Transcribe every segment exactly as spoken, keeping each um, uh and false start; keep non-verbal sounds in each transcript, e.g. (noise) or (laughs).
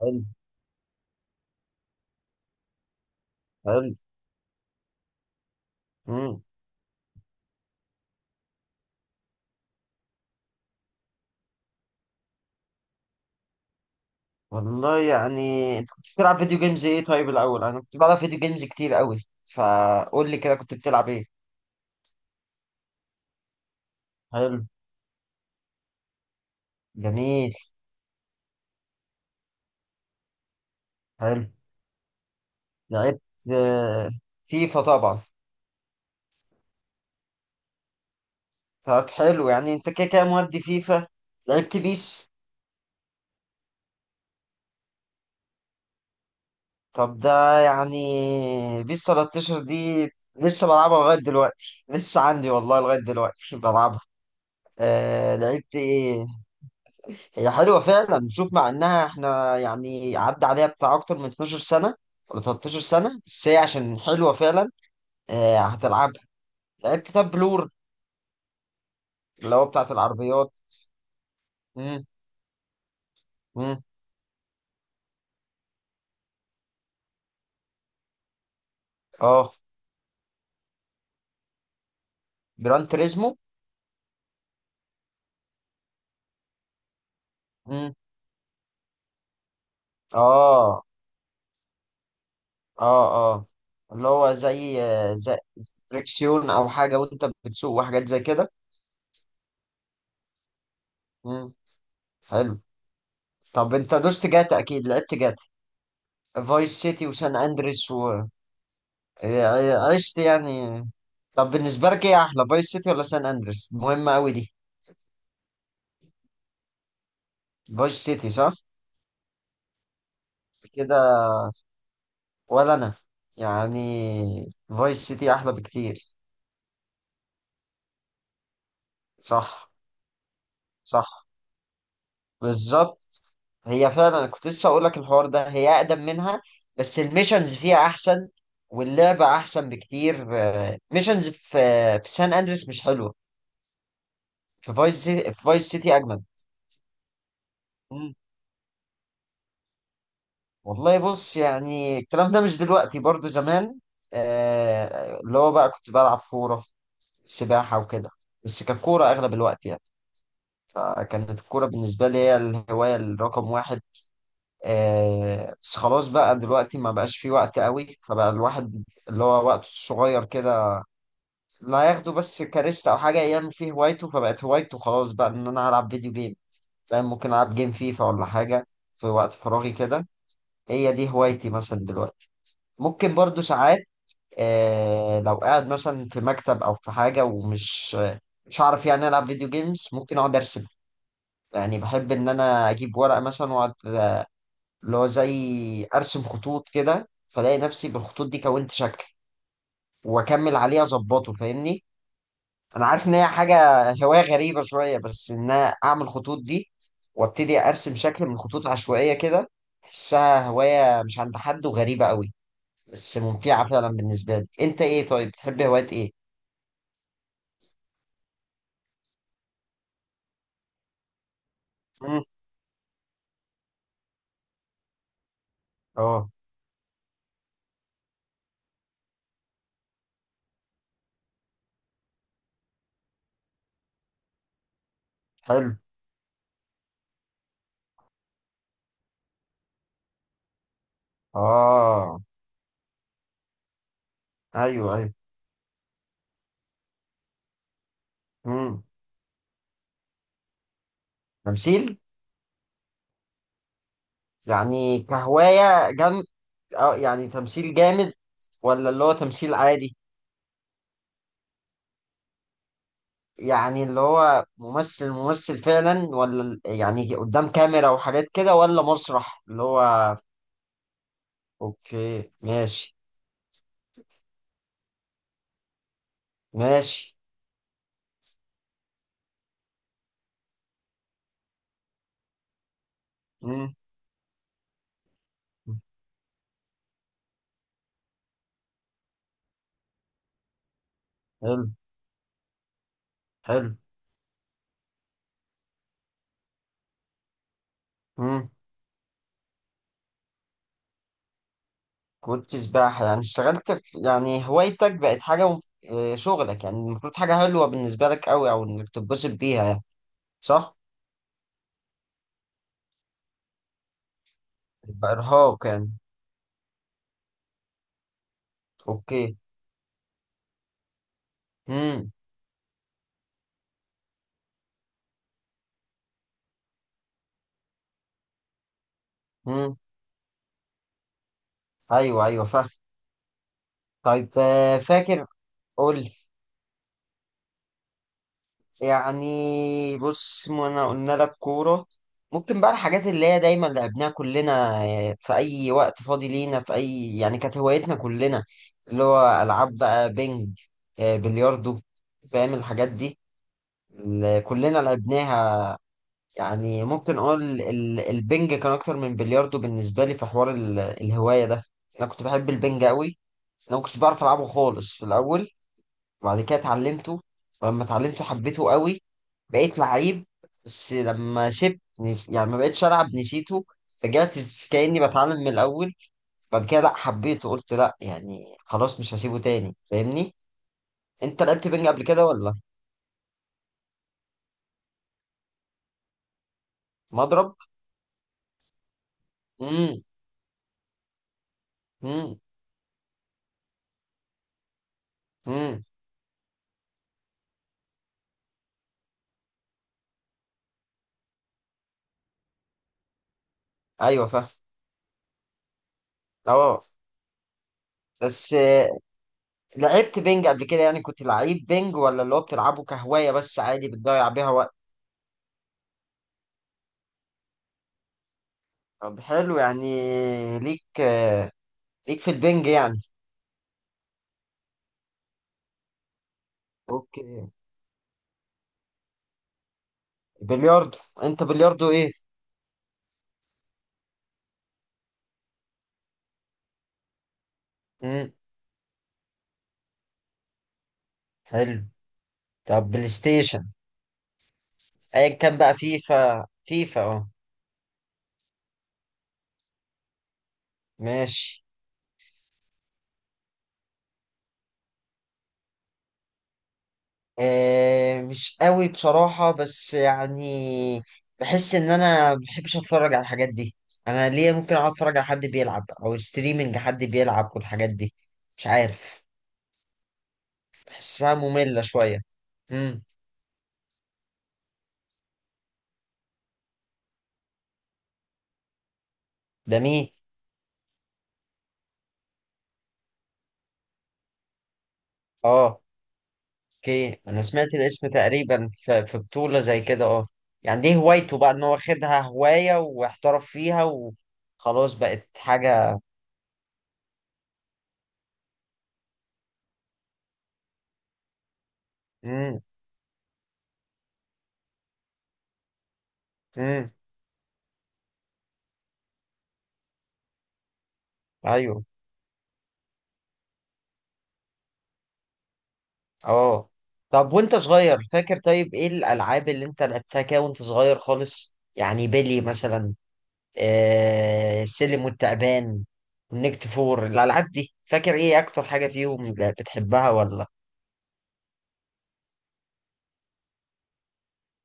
حلو. حلو. امم والله يعني انت كنت بتلعب فيديو جيمز ايه؟ طيب الاول انا كنت بلعب فيديو جيمز كتير قوي، فقول لي كده كنت بتلعب ايه؟ حلو. جميل. حلو. لعبت آه، فيفا طبعا. طب حلو، يعني انت كده كده مودي فيفا. لعبت بيس. طب ده يعني بيس ثلاثة عشر دي لسه بلعبها لغاية دلوقتي، لسه عندي والله لغاية دلوقتي بلعبها. آه، لعبت ايه؟ هي حلوة فعلا، نشوف مع انها احنا يعني عدى عليها بتاع اكتر من 12 سنة ولا 13 سنة، بس هي عشان حلوة فعلا. آه، هتلعبها. لعبت كتاب بلور، اللي هو بتاعت العربيات. امم. امم اه جران تريزمو. امم. اه، اه، اه، اللي هو زي آه، زي تريكسيون او حاجة، وانت بتسوق وحاجات زي كده. امم. حلو. طب انت دوست جاتا؟ اكيد لعبت جاتا، فايس سيتي وسان اندريس و... آه، عشت يعني. طب بالنسبة لك ايه احلى، فايس سيتي ولا سان اندريس؟ مهمة قوي دي. فايس سيتي صح. كده. ولا انا يعني فايس سيتي احلى بكتير. صح. صح. بالظبط. هي فعلا أنا كنت لسه اقول لك الحوار ده، هي اقدم منها بس الميشنز فيها احسن، واللعبة احسن بكتير. آه، ميشنز في في سان اندريس مش حلوة، في فايس سيتي في فايس سيتي اجمد. والله بص، يعني الكلام ده مش دلوقتي برضو، زمان. آه اللي هو بقى كنت بلعب كورة، سباحة وكده، بس كانت كورة أغلب الوقت يعني. فكانت الكورة بالنسبة لي هي الهواية الرقم واحد. آه بس خلاص بقى دلوقتي ما بقاش في وقت قوي، فبقى الواحد اللي هو وقته الصغير كده، لا هياخده بس كاريستا أو حاجة يعمل فيه هوايته. فبقت هوايته خلاص بقى إن أنا هلعب فيديو جيم، فاهم؟ ممكن ألعب جيم فيفا ولا حاجة في وقت فراغي كده. هي دي هوايتي مثلا دلوقتي. ممكن برضو ساعات، آه، لو قاعد مثلا في مكتب او في حاجه، ومش مش هعرف يعني العب فيديو جيمز، ممكن اقعد ارسم. يعني بحب ان انا اجيب ورقه مثلا واقعد، اللي هو زي ارسم خطوط كده، فلاقي نفسي بالخطوط دي كونت شكل، واكمل عليه اظبطه، فاهمني؟ انا عارف ان هي حاجه (laughs) هوايه غريبه شويه، بس ان انا اعمل خطوط دي وابتدي ارسم شكل من خطوط عشوائيه كده، احسها هوايه مش عند حد وغريبه قوي، بس ممتعه فعلا بالنسبه لي. انت ايه طيب؟ بتحب هوايات ايه؟ مم. اه. حلو. اه، ايوه، ايوه. امم تمثيل. يعني كهواية جن؟ اه، يعني تمثيل جامد ولا اللي هو تمثيل عادي؟ يعني اللي هو ممثل ممثل فعلا، ولا ال- يعني قدام كاميرا وحاجات كده، ولا مسرح اللي هو؟ اوكي، ماشي. ماشي. امم. حلو. حلو. امم. كنت سباحة؟ يعني اشتغلت في يعني هوايتك بقت حاجة مف- آه، شغلك، يعني المفروض حاجة حلوة بالنسبة لك قوي، او انك تتبسط بيها يعني. صح؟ يبقى إرهاق يعني. أوكي. مم. مم. أيوه، أيوه، فاهم. طيب آه، فاكر، قول لي. يعني بص، ما أنا قلنا لك كورة. ممكن بقى الحاجات اللي هي دايما لعبناها كلنا، آه، في أي وقت فاضي لينا، في أي يعني، كانت هوايتنا كلنا اللي هو ألعاب بقى، بينج، آه، بلياردو، فاهم الحاجات دي اللي كلنا لعبناها. يعني ممكن أقول ال- البينج كان أكتر من بلياردو بالنسبة لي في حوار ال- الهواية ده. أنا كنت بحب البنج أوي. انا ما كنتش بعرف العبه خالص في الاول، وبعد كده اتعلمته، ولما اتعلمته حبيته قوي، بقيت لعيب. بس لما سبت نس... يعني ما بقتش العب نسيته، رجعت كاني بتعلم من الاول. بعد كده لا حبيته، قلت لا يعني خلاص مش هسيبه تاني، فاهمني؟ انت لعبت بينج قبل كده ولا؟ مضرب. امم. امم. امم. ايوه، فاهم. اه. بس آه، لعبت بينج قبل كده؟ يعني كنت لعيب بينج، ولا اللي هو بتلعبه كهواية بس عادي بتضيع بيها وقت؟ طب حلو يعني، ليك آه، ليك في البنج يعني. اوكي. بلياردو. انت بلياردو ايه؟ امم. حلو. طب بلاي ستيشن، ايا كان بقى، فيفا، فيفا، اه. ماشي. آه مش قوي بصراحة، بس يعني بحس ان انا بحبش اتفرج على الحاجات دي. انا ليه ممكن اقعد اتفرج على حد بيلعب او ستريمنج حد بيلعب والحاجات دي؟ مش عارف، بحسها مملة شوية. امم. ده مين؟ اه. اوكي، انا سمعت الاسم تقريبا في في بطولة زي كده، اه. يعني دي هوايته بقى، ان هو خدها هواية واحترف فيها وخلاص بقت حاجة. امم. امم. ايوه. اه. طب وانت صغير فاكر؟ طيب ايه الالعاب اللي انت لعبتها كده وانت صغير خالص يعني، بيلي مثلا، آه السلم والتعبان، ونكت فور، الالعاب دي فاكر ايه اكتر حاجة فيهم بتحبها ولا؟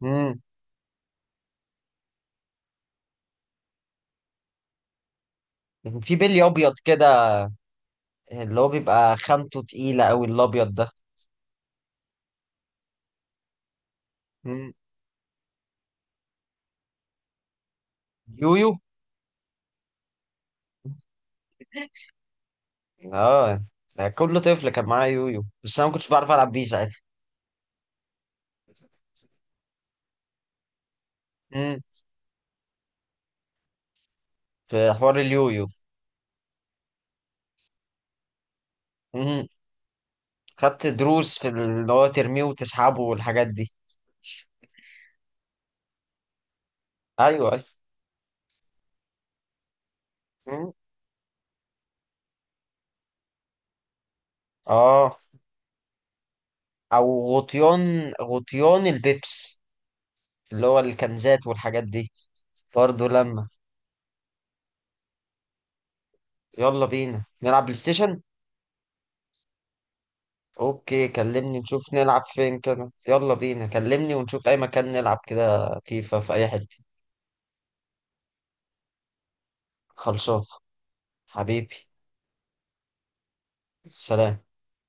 امم. في بيلي ابيض كده، اللي هو بيبقى خامته تقيلة أوي الأبيض ده. مم. يويو. اه، كل طفل كان معاه يويو، بس انا ما كنتش بعرف العب بيه ساعتها. مم. في حوار اليويو. مم. خدت دروس في اللي هو ترميه وتسحبه والحاجات دي. ايوه، ايوه. مم. اه. او غطيان، غطيان البيبس، اللي هو الكنزات والحاجات دي. برضه لما، يلا بينا نلعب بلاي ستيشن. اوكي، كلمني نشوف نلعب فين كده، يلا بينا، كلمني ونشوف اي مكان نلعب كده فيفا في اي حته. خلصان حبيبي. سلام.